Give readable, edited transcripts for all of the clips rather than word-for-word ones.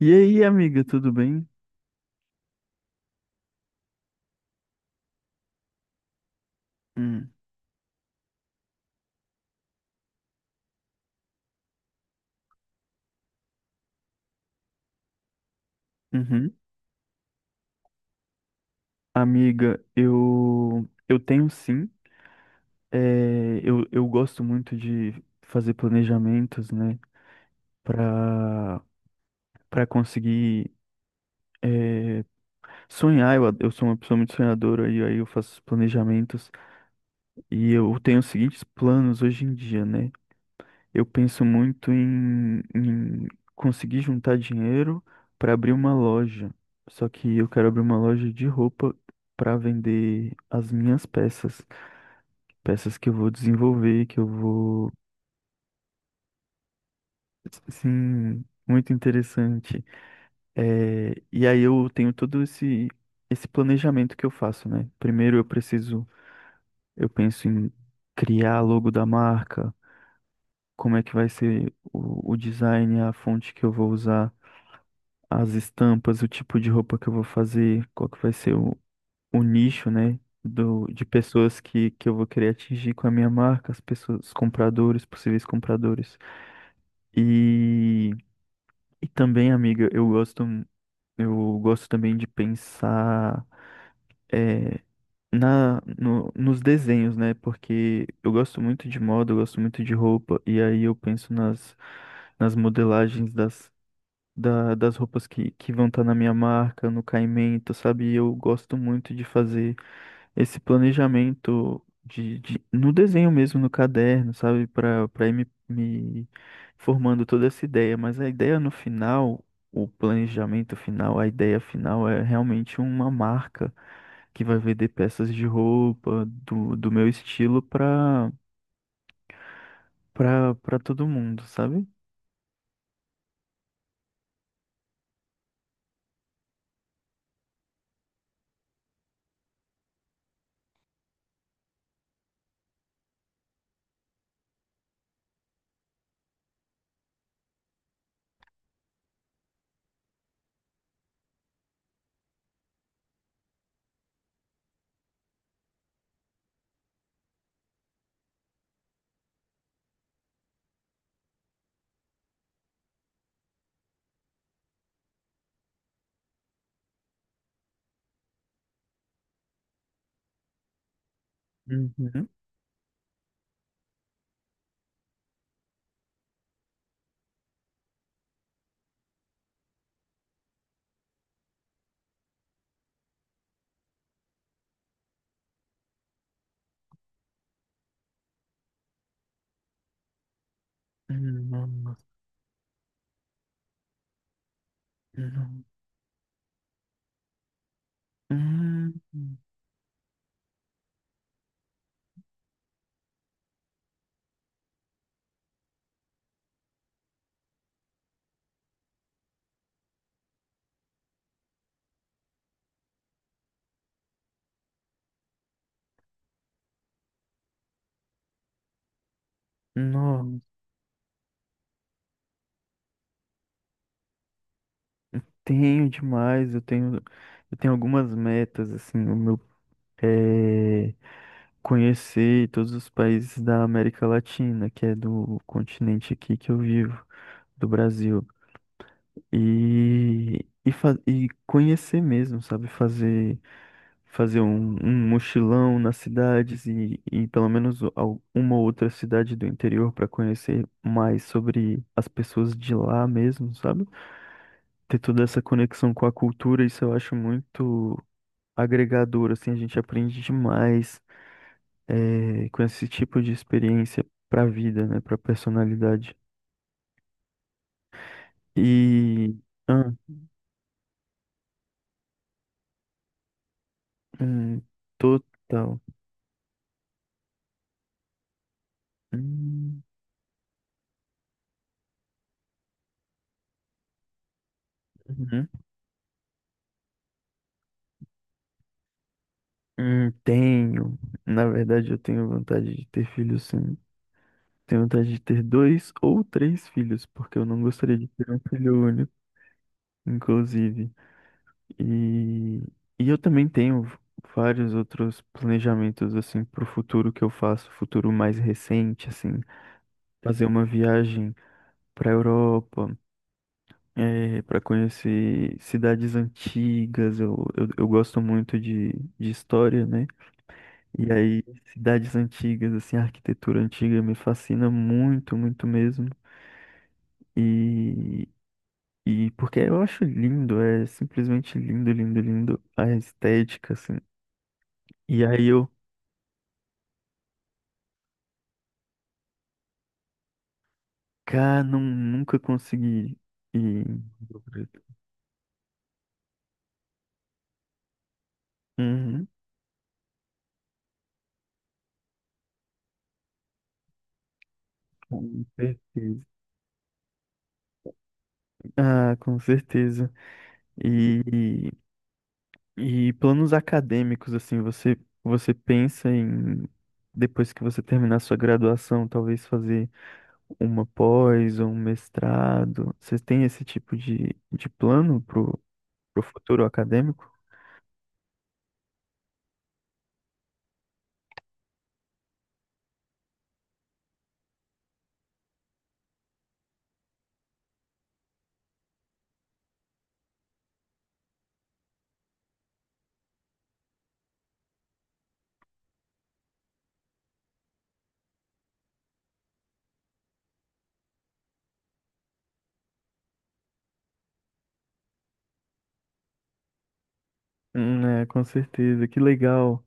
E aí, amiga, tudo bem? Hum, uhum. Amiga, eu tenho sim. É, eu gosto muito de fazer planejamentos, né? Para para conseguir é, sonhar. Eu sou uma pessoa muito sonhadora e aí eu faço planejamentos. E eu tenho os seguintes planos hoje em dia, né? Eu penso muito em conseguir juntar dinheiro para abrir uma loja. Só que eu quero abrir uma loja de roupa para vender as minhas peças. Peças que eu vou desenvolver, que eu vou. Sim, muito interessante. E aí eu tenho todo esse planejamento que eu faço, né? Eu penso em criar a logo da marca, como é que vai ser o design, a fonte que eu vou usar. As estampas, o tipo de roupa que eu vou fazer, qual que vai ser o nicho, né, de pessoas que eu vou querer atingir com a minha marca, as pessoas, os compradores, possíveis compradores. E, e também, amiga, eu gosto também de pensar eh, na, no- nos desenhos, né? Porque eu gosto muito de moda, eu gosto muito de roupa, e aí eu penso nas modelagens das roupas que vão estar na minha marca, no caimento, sabe? E eu gosto muito de fazer esse planejamento no desenho mesmo, no caderno, sabe? Para ir me formando toda essa ideia. Mas a ideia no final, o planejamento final, a ideia final é realmente uma marca que vai vender peças de roupa do meu estilo para para todo mundo, sabe? Uhum. Hum, hum, hum. Hum. Hum. Não, tenho demais, eu tenho algumas metas, assim, o meu é conhecer todos os países da América Latina, que é do continente aqui que eu vivo, do Brasil, e, e conhecer mesmo, sabe, fazer um mochilão nas cidades e pelo menos uma ou outra cidade do interior para conhecer mais sobre as pessoas de lá mesmo, sabe? Ter toda essa conexão com a cultura, isso eu acho muito agregador, assim, a gente aprende demais com esse tipo de experiência para a vida, né, para a personalidade. E ah, hum, total. Hum, uhum. Tenho, na verdade, eu tenho vontade de ter filhos, sim. Tenho vontade de ter dois ou três filhos, porque eu não gostaria de ter um filho único, inclusive. E, e eu também tenho vários outros planejamentos assim para o futuro que eu faço, futuro mais recente, assim, fazer uma viagem para a Europa, para conhecer cidades antigas. Eu gosto muito de história, né? E aí, cidades antigas, assim, a arquitetura antiga me fascina muito, muito mesmo. E, e porque eu acho lindo, é simplesmente lindo, lindo, lindo a estética, assim. E aí eu Cara, não, nunca consegui ir em Rio Preto. Uhum, com certeza. Ah, com certeza. E, e planos acadêmicos, assim, você pensa em, depois que você terminar sua graduação, talvez fazer uma pós ou um mestrado? Vocês têm esse tipo de plano pro, pro futuro acadêmico? É, com certeza. Que legal.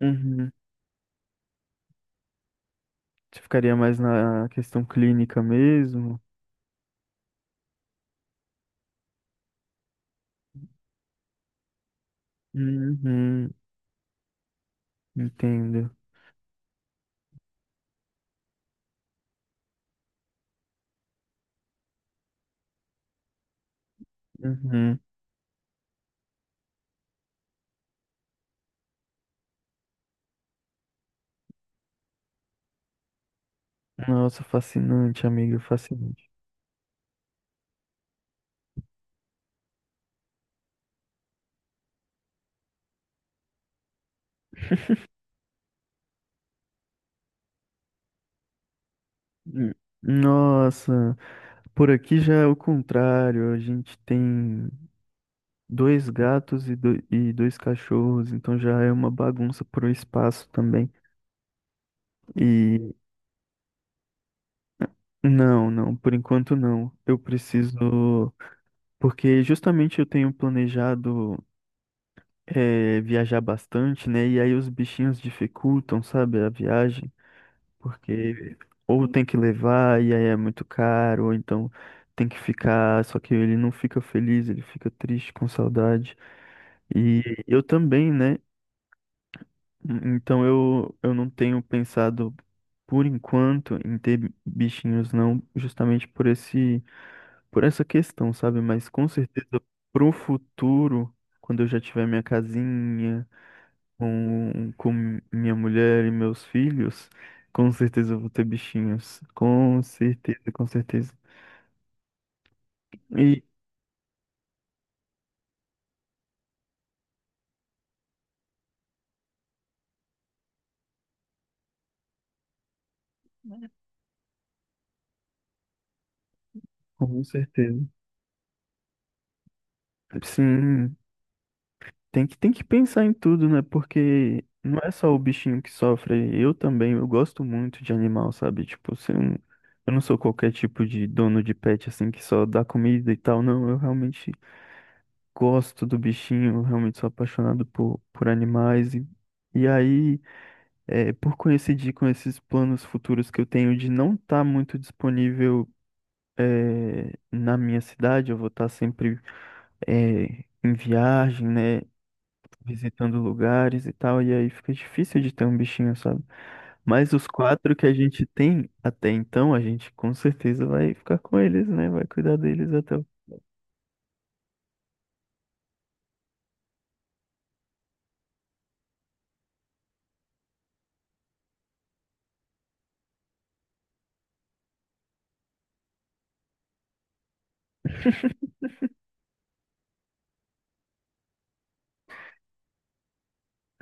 Uhum. Você ficaria mais na questão clínica mesmo? Uhum. Entendo. Uhum. Nossa, fascinante, amigo, fascinante. Hum. Nossa, por aqui já é o contrário. A gente tem dois gatos e dois cachorros, então já é uma bagunça pro espaço também. E não, não, por enquanto não. Eu preciso, porque justamente eu tenho planejado viajar bastante, né? E aí os bichinhos dificultam, sabe, a viagem. Porque ou tem que levar e aí é muito caro, ou então tem que ficar, só que ele não fica feliz, ele fica triste, com saudade. E eu também, né? Então eu não tenho pensado por enquanto em ter bichinhos, não, justamente por por essa questão, sabe? Mas com certeza pro futuro, quando eu já tiver minha casinha, com minha mulher e meus filhos, com certeza eu vou ter bichinhos. Com certeza, com certeza. E com certeza. Sim, tem que pensar em tudo, né? Porque não é só o bichinho que sofre, eu também, eu gosto muito de animal, sabe? Tipo, se eu, não- eu não sou qualquer tipo de dono de pet, assim, que só dá comida e tal, não, eu realmente gosto do bichinho, eu realmente sou apaixonado por animais. E aí. É, por coincidir com esses planos futuros que eu tenho de não estar muito disponível na minha cidade, eu vou estar sempre em viagem, né, visitando lugares e tal, e aí fica difícil de ter um bichinho, sabe? Mas os quatro que a gente tem até então, a gente com certeza vai ficar com eles, né? Vai cuidar deles até o...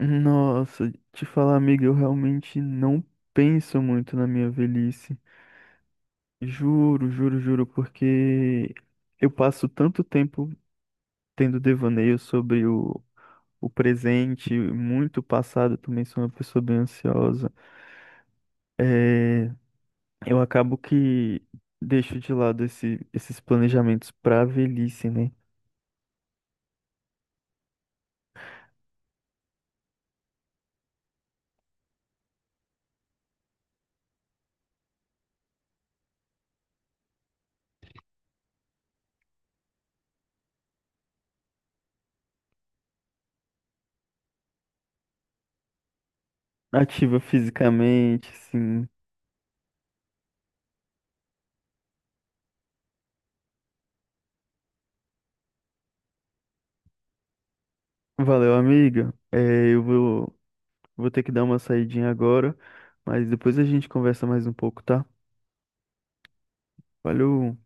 Nossa, te falar, amiga, eu realmente não penso muito na minha velhice. Juro, juro, juro, porque eu passo tanto tempo tendo devaneio sobre o presente, muito passado, eu também sou uma pessoa bem ansiosa. É, eu acabo que deixo de lado esses planejamentos para a velhice, né? Ativa fisicamente, sim. Valeu, amiga. Vou ter que dar uma saidinha agora, mas depois a gente conversa mais um pouco, tá? Valeu.